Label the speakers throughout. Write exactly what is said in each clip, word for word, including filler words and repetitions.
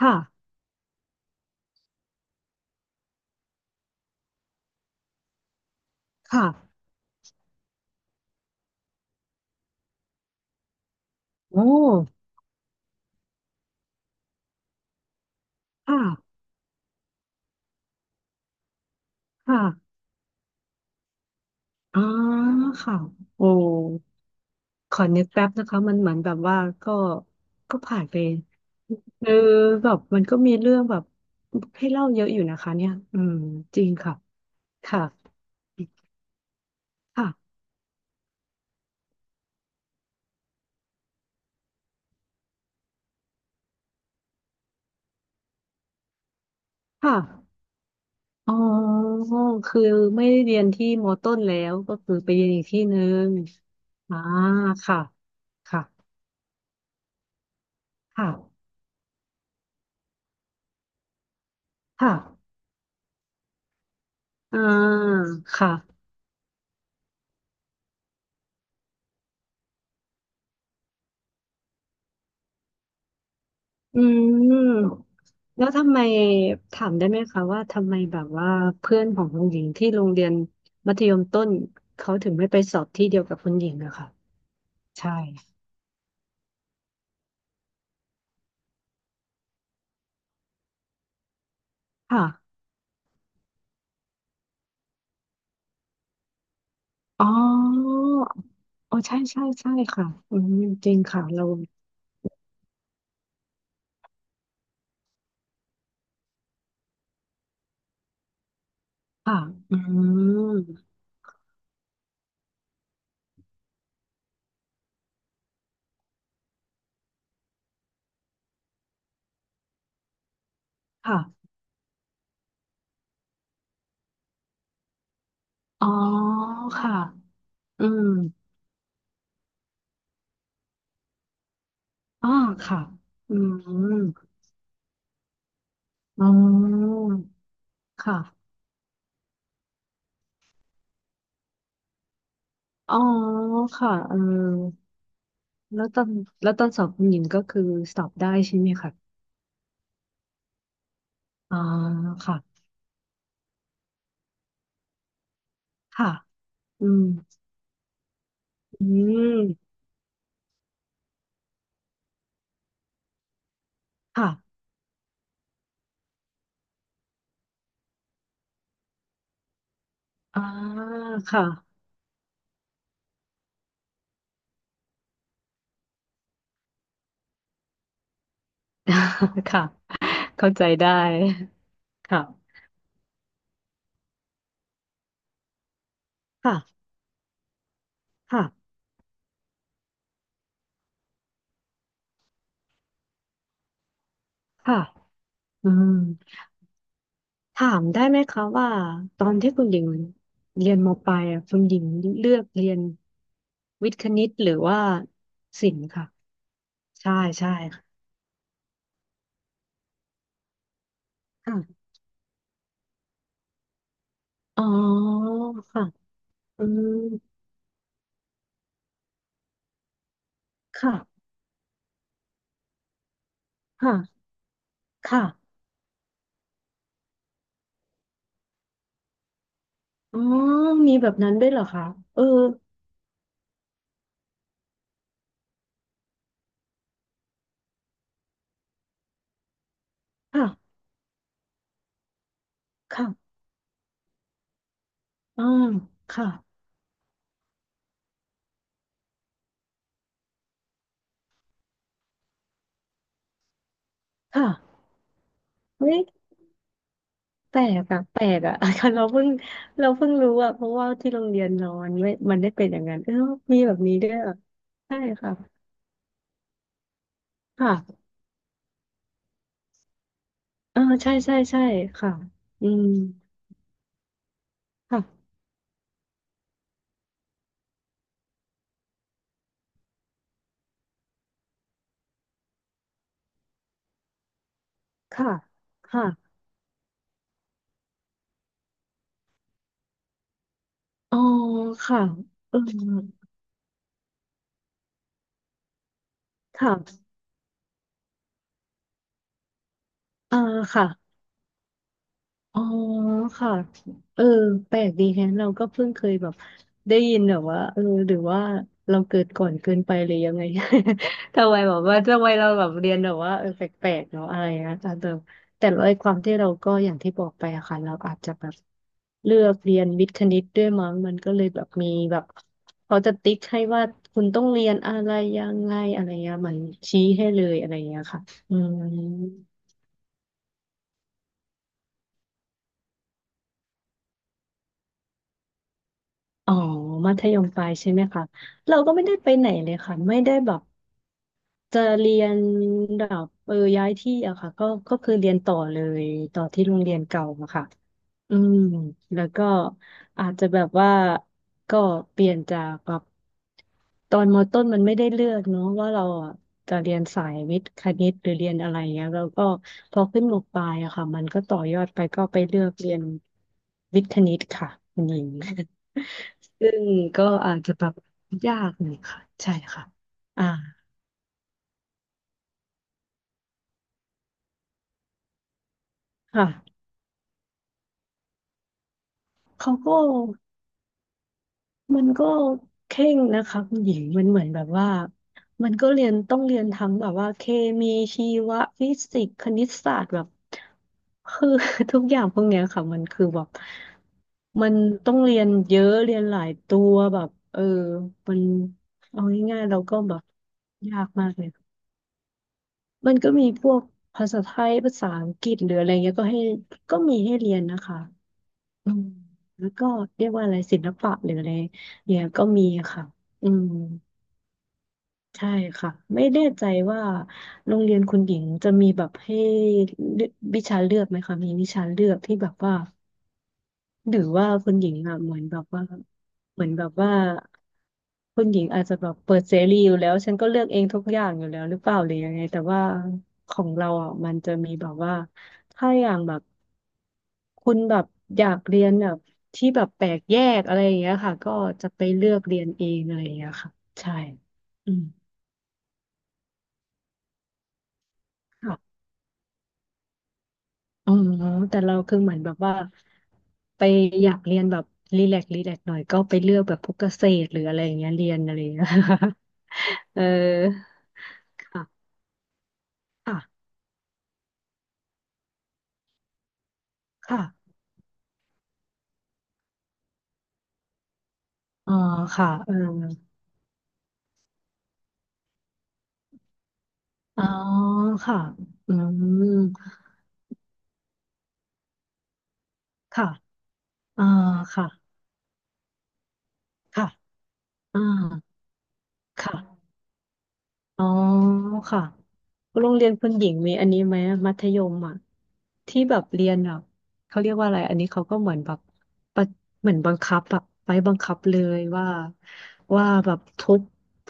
Speaker 1: ค่ะค่ะโอ้ค่ะค่ะอ๋อค่ะโอ้ขอนึกแป๊บนะคะมันเหมือนแบบว่าก็ก็ผ่านไปเออแบบมันก็มีเรื่องแบบให้เล่าเยอะอยู่นะคะเนี่ยอืมจริงค่ะค่ะค่ะค่ะอ๋อคือไม่ได้เรียนที่มต้นแล้วก็คือไปเรียนอีกที่หนึ่งอ่าค่ะค่ะค่ะค่ะอ่าค่ะ อืมแล้วทำไมถามได้ไหมคะว่าทำไมแบบว่าเพื่อนของคุณหญิงที่โรงเรียนมัธยมต้นเขาถึงไม่ไปสอบที่เดียวกับคุณหญิงอะค่ะใช่ค่ะอ๋ออ๋อใช่ใช่ใช่ค่ะอืมจริงค่ะเราค่ะอืมค่ะอ๋อค่ะอืมอ๋อค่ะอืมอ๋อค่ะอ๋อค่ะเออ แล้วตอนแล้วตอนสอบหญิงก็คือสอบได้ใช่ไหมคะอ่าค่ะค่ะอืมอืมค่ะอ่าค่ะ ค่ะเข้าใจได้ค่ะค่ะค่ะค่ะอืมถามได้ไหมคะว่าตอนที่คุณหญิงเรียนมปลายอะคุณหญิงเลือกเรียนวิทย์คณิตหรือว่าศิลป์ค่ะใช่ใช่ค่ะค่ะอ๋อค่ะอืมค่ะค่ะ ค่ะ อ๋อมีแบบนั้นด้วยเหรอคะเออค่ะค่ะอ่าค่ะค่ะเฮ้ยแปลกอะแปลกอะ เราเพิ่งเราเพิ่งรู้อะเพราะว่าที่โรงเรียนนอนไม่มันได้เป็นอย่างนั้นเออมีแบบนี้ด้วยเหรอใช่ค่ะค่ะเออใช่ใช่ใช่ค่ะอืมค่ะค่ะค่ะอ๋อค่ะเออค่ะอ่าค่ะ อ๋อค่ะเออแปลกดีแฮะเราก็เพิ่งเคยแบบได้ยินแบบว่าเออหรือว่าเราเกิดก่อนเกินไปหรือยังไง ทำไมแบบว่าทำไมเราแบบเรียนแบบว่าเออแปลกๆเนาะอะไรนะแต่เดิมแต่ไอ้ความที่เราก็อย่างที่บอกไปอะค่ะเราอาจจะแบบเลือกเรียนวิทย์คณิตด้วยมั้งมันก็เลยแบบมีแบบเขาจะติ๊กให้ว่าคุณต้องเรียนอะไรยังไงอะไรเงี้ยเหมันชี้ให้เลยอะไรเงี้ยค่ะอืม อ๋อ มัธยมปลายใช่ไหมคะ เราก็ไม่ได้ไปไหนเลยค่ะ ไม่ได้แบบจะเรียนแบบเออย้ายที่อะค่ะก็ก็คือเรียนต่อเลยต่อที่โรงเรียนเก่าอะค่ะ อืมแล้วก็อาจจะแบบว่าก็เปลี่ยนจากแบบตอนมต้นมันไม่ได้เลือกเนาะว่าเราอ่ะจะเรียนสายวิทย์คณิตหรือเรียนอะไรเงี้ยแล้วก็พอขึ้นมปลายอะค่ะมันก็ต่อยอดไปก็ไปเลือกเรียนวิทย์คณิตค่ะคุณหญิง ซึ่งก็อาจจะแบบยากหน่อยค่ะใช่ค่ะอ่าค่ะเขาก็ มันก็เคร่งนะคะคุณหญิงมันเหมือนแบบว่ามันก็เรียนต้องเรียนทั้งแบบว่าเคมีชีวะฟิสิกส์คณิตศาสตร์แบบคือ ทุกอย่างพวกเนี้ยค่ะมันคือแบบมันต้องเรียนเยอะเรียนหลายตัวแบบเออมันเอาง่ายๆเราก็แบบยากมากเลยมันก็มีพวกภาษาไทยภาษาอังกฤษหรืออะไรเงี้ยก็ให้ก็มีให้เรียนนะคะ อืมแล้วก็เรียกว่าอะไรศิลปะหรืออะไรเนี่ยก็มีค่ะอืมใช่ค่ะไม่แน่ใจว่าโรงเรียนคุณหญิงจะมีแบบให้เลือกวิชาเลือกไหมคะมีวิชาเลือกที่แบบว่า หรือว่าคุณหญิงอ่ะเหมือนแบบว่าเหมือนแบบว่าคุณหญิงอาจจะแบบเปิดเสรีอยู่แล้วฉันก็เลือกเองทุกอย่างอยู่แล้วหรือเปล่าหรือยังไงแต่ว่าของเราอ่ะมันจะมีแบบว่าถ้าอย่างแบบคุณแบบอยากเรียนแบบที่แบบแปลกแยกอะไรอย่างเงี้ยค่ะก็จะไปเลือกเรียนเองอะไรอย่างเงี้ยค่ะใช่อืม อ๋อแต่เราคือเหมือนแบบว่าไปอยากเรียนแบบรีแลกรีแลกหน่อยก็ไปเลือกแบบพวกเกษตรหรืออะไรอย่างเงี้ยเรียนอะไรอย่างเงี้ย เออค่ะค่ะค่ะอ๋อค่ะเอออ๋อค่ะอืมค่ะอ่าค่ะค่ะอ่าค่ะอ๋อค่ะ โรงเรียนคุณหญิงมีอันนี้ไหมมัธยมอ่ะที่แบบเรียนแบบเขาเรียกว่าอะไรอันนี้เขาก็เหมือนแบบปะเหมือนบังคับแบบไปบังคับเลยว่าว่าแบบทุก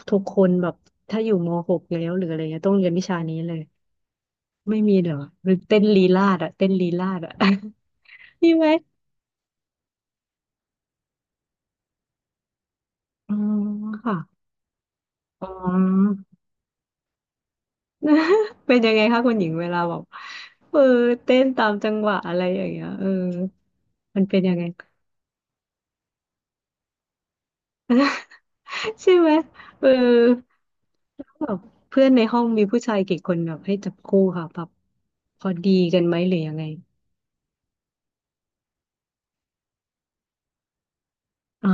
Speaker 1: ทุกคนแบบถ้าอยู่มหกแล้วหรืออะไรเงี้ยต้องเรียนวิชานี้เลยไม่มีเหรอหรือเต้นลีลาดอะเต้นลีลาดอะ มีไหมอ๋อค่ะ อ๋อ เป็นยังไงคะคุณหญิงเวลาแบบเออเต้นตามจังหวะอะไรอย่างเงี้ยเออมันเป็นยังไง ใช่ไหมเออแบบเพื่อนในห้องมีผู้ชายกี่คนแบบให้จับคู่ค่ะแบบพอดีกันไหมหรือยังไงอ๋อ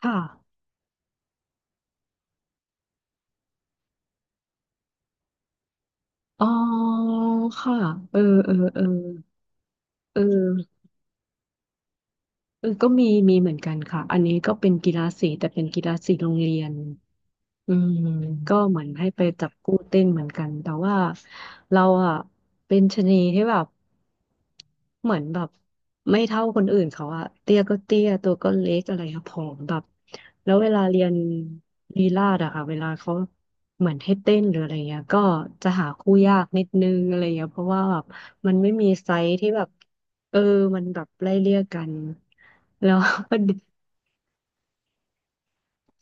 Speaker 1: ค่ะอ๋อค่ะเออเออเออเออเออก็มีมีเหมือนกันค่ะ อันนี้ก็เป็นกีฬาสีแต่เป็นกีฬาสีโรงเรียนอืมก็เหมือนให้ไปจับคู่เต้นเหมือนกันแต่ว่าเราอะเป็นชะนีที่แบบ เหมือนแบบไม่เท่าคนอื่นเขาอะเตี้ยก็เตี้ยตัวก็เล็กอะไรครับผอมแบบแล้วเวลาเรียนลีลาศอะค่ะเวลาเขาเหมือนให้เต้นหรืออะไรเงี้ยก็จะหาคู่ยากนิดนึงอะไรเงี้ยเพราะว่าแบบมันไม่มีไซส์ที่แบบเออมันแบบไล่เลี่ยกันแล้ว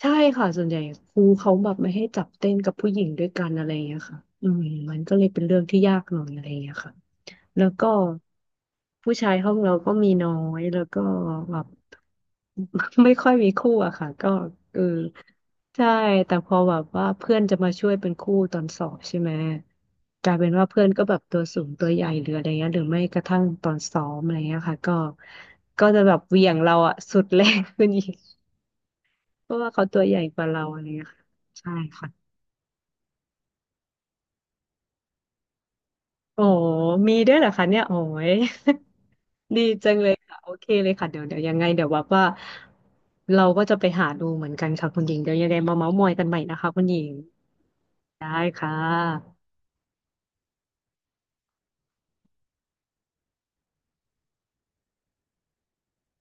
Speaker 1: ใช่ค่ะส่วนใหญ่ครูเขาแบบไม่ให้จับเต้นกับผู้หญิงด้วยกันอะไรเงี้ยค่ะอืมมันก็เลยเป็นเรื่องที่ยากหน่อยอะไรเงี้ยค่ะ แล้วก็ผู้ชายห้องเราก็มีน้อยแล้วก็แบบ ไม่ค่อยมีคู่อะค่ะก็เออใช่แต่พอแบบว่าเพื่อนจะมาช่วยเป็นคู่ตอนสอบใช่ไหมกลายเป็นว่าเพื่อนก็แบบตัวสูงตัวใหญ่หรืออะไรเงี้ยหรือไม่กระทั่งตอนซ้อมอะไรเงี้ยค่ะก็ก็จะแบบเหวี่ยงเราอะสุดแรงขึ้นอีกเพราะว่าเขาตัวใหญ่กว่าเราอะไรเงี้ยค่ะใช่ค่ะ โอ้มีด้วยเหรอคะเนี่ยโอ้ย ดีจังเลยค่ะ โอเคเลยค่ะ เดี๋ยวเดี๋ยวยังไงเดี๋ยวแบบว่าเราก็จะไปหาดูเหมือนกันค่ะคุณหญิงเดี๋ยวยังไงมาเม้าท์มอยกันใหม่นะคะคุณหญิง ได้ค่ะ